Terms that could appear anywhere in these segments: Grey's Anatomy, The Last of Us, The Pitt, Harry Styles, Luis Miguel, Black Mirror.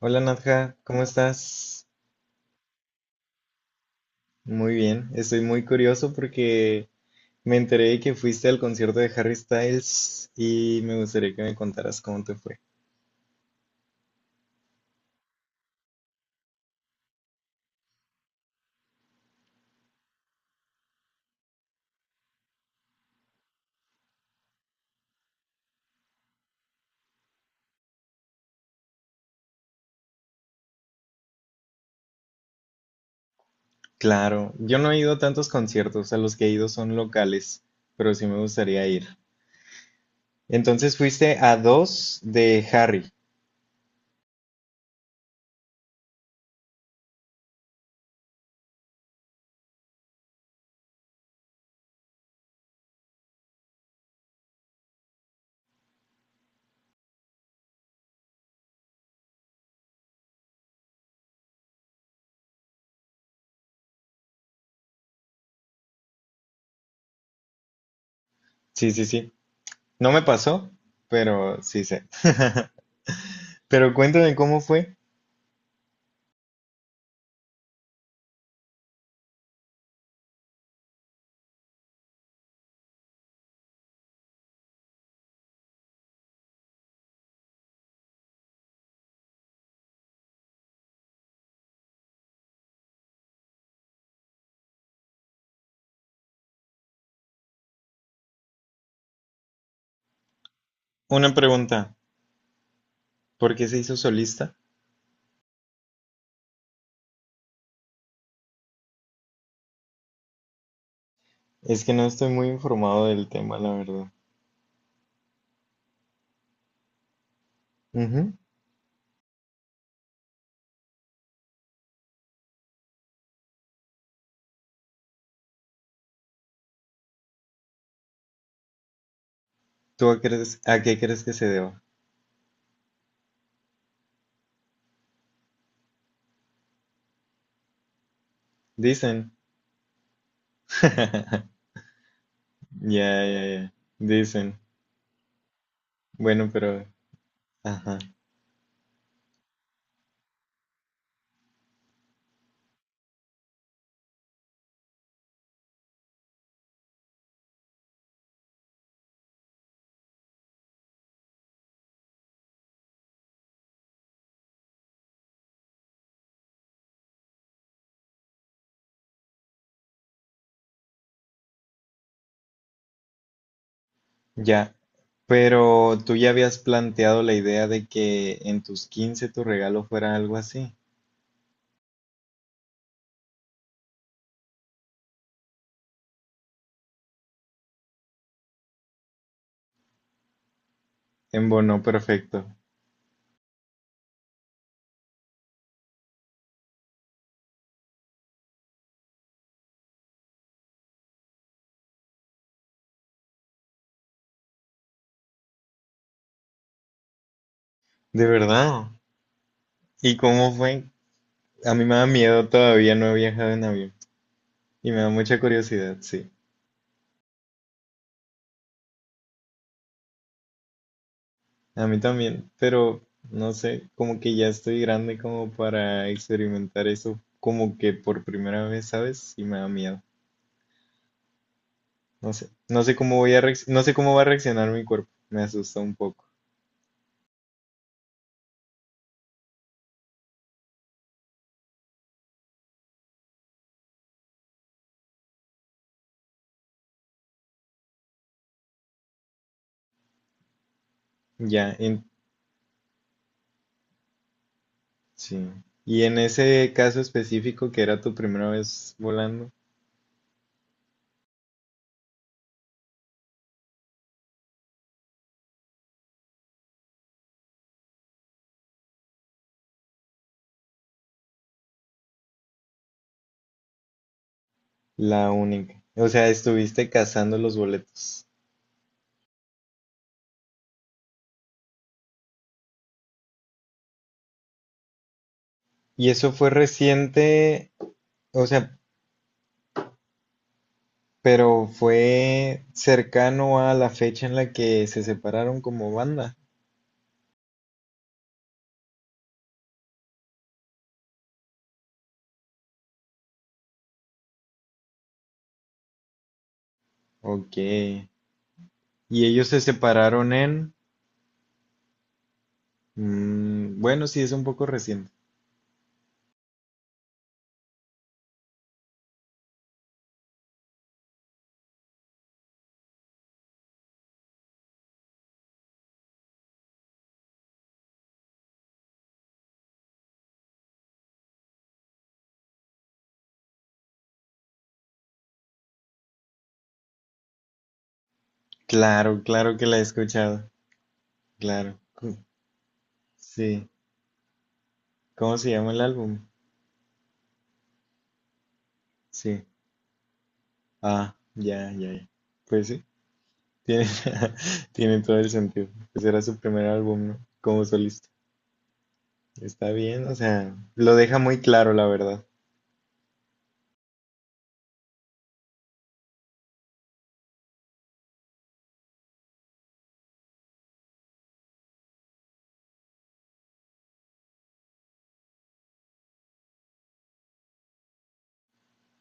Hola Nadja, ¿cómo estás? Muy bien, estoy muy curioso porque me enteré de que fuiste al concierto de Harry Styles y me gustaría que me contaras cómo te fue. Claro, yo no he ido a tantos conciertos, a los que he ido son locales, pero sí me gustaría ir. Entonces fuiste a dos de Harry. Sí, sí, sí. No me pasó, pero sí sé. Pero cuéntame cómo fue. Una pregunta, ¿por qué se hizo solista? Es que no estoy muy informado del tema, la verdad. ¿Tú a, crees, a qué crees que se deba? Dicen. Ya, ya, ya. Dicen. Bueno, pero... Ajá. Ya. Pero tú ya habías planteado la idea de que en tus 15 tu regalo fuera algo así. Embonó perfecto. De verdad. ¿Y cómo fue? A mí me da miedo todavía, no he viajado en avión. Y me da mucha curiosidad, sí. A mí también, pero no sé, como que ya estoy grande como para experimentar eso como que por primera vez, ¿sabes? Y me da miedo. No sé, no sé cómo voy a reacc- no sé cómo va a reaccionar mi cuerpo. Me asusta un poco. Ya, en- sí. Y en ese caso específico que era tu primera vez volando, la única. O sea, estuviste cazando los boletos. Y eso fue reciente, o sea, pero fue cercano a la fecha en la que se separaron como banda. Ok. Y ellos se separaron en... Mm, bueno, sí, es un poco reciente. Claro, claro que la he escuchado. Claro. Cu- sí. ¿Cómo se llama el álbum? Sí. Ah, ya, ya, ya. Pues sí, tiene, tiene todo el sentido. Pues era su primer álbum, ¿no? Como solista. Está bien, o sea, lo deja muy claro, la verdad.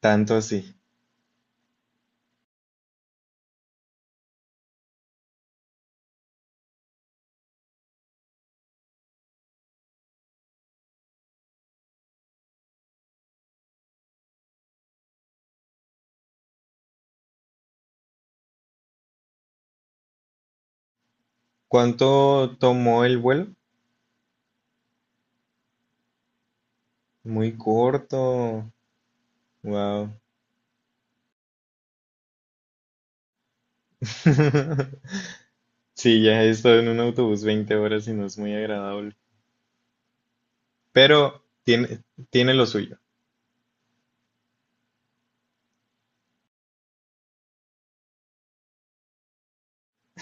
Tanto así. ¿Cuánto tomó el vuelo? Muy corto. Wow. Sí, ya he estado en un autobús 20 horas y no es muy agradable, pero tiene, tiene lo suyo.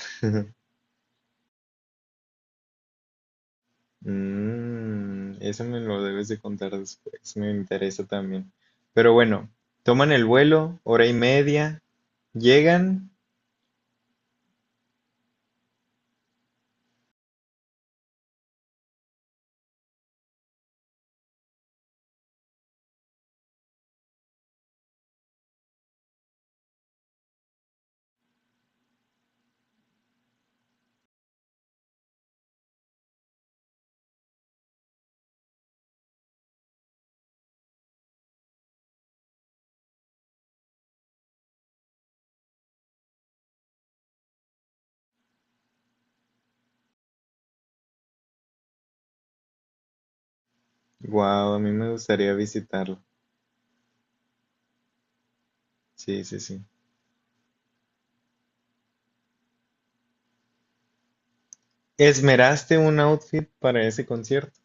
Mm, eso me lo debes de contar después, me interesa también. Pero bueno, toman el vuelo, hora y media, llegan. Wow, a mí me gustaría visitarlo. Sí, sí, sí. ¿Esmeraste un outfit para ese concierto?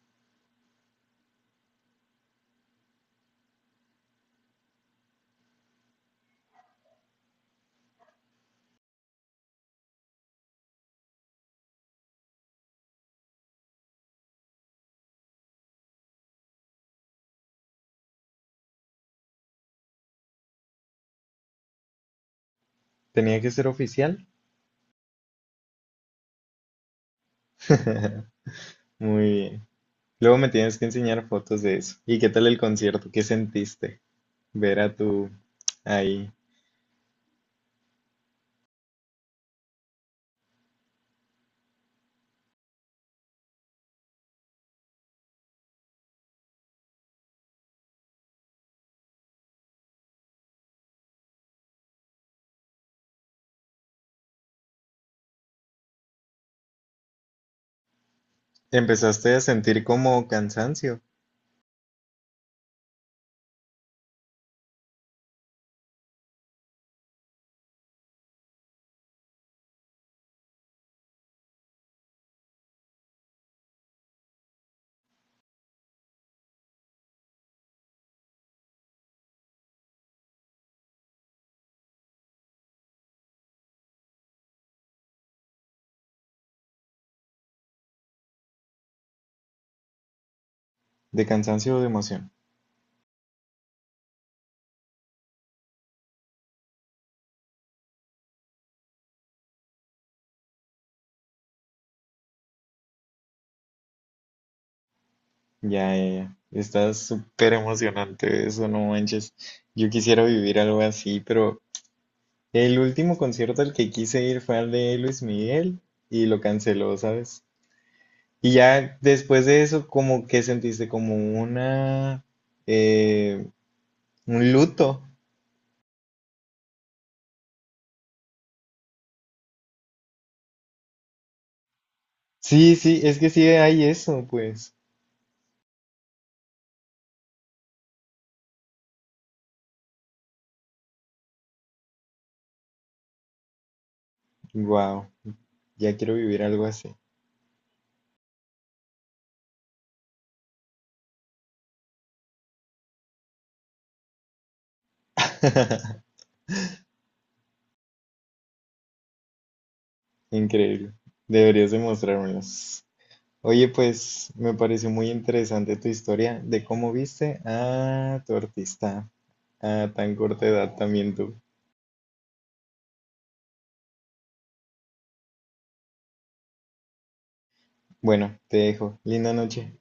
¿Tenía que ser oficial? Muy bien. Luego me tienes que enseñar fotos de eso. ¿Y qué tal el concierto? ¿Qué sentiste? Verá tú, ahí. Empezaste a sentir como cansancio, de cansancio o de emoción. Ya, ya, ya. Está súper emocionante eso, no manches. Yo quisiera vivir algo así, pero el último concierto al que quise ir fue al de Luis Miguel y lo canceló, ¿sabes? Y ya después de eso, como que sentiste como una, eh, un luto. Sí, sí, es que sí hay eso, pues. Wow, ya quiero vivir algo así. Increíble. Deberías demostrármelas. Oye, pues me pareció muy interesante tu historia de cómo viste a tu artista a tan corta edad también tú. Bueno, te dejo. Linda noche.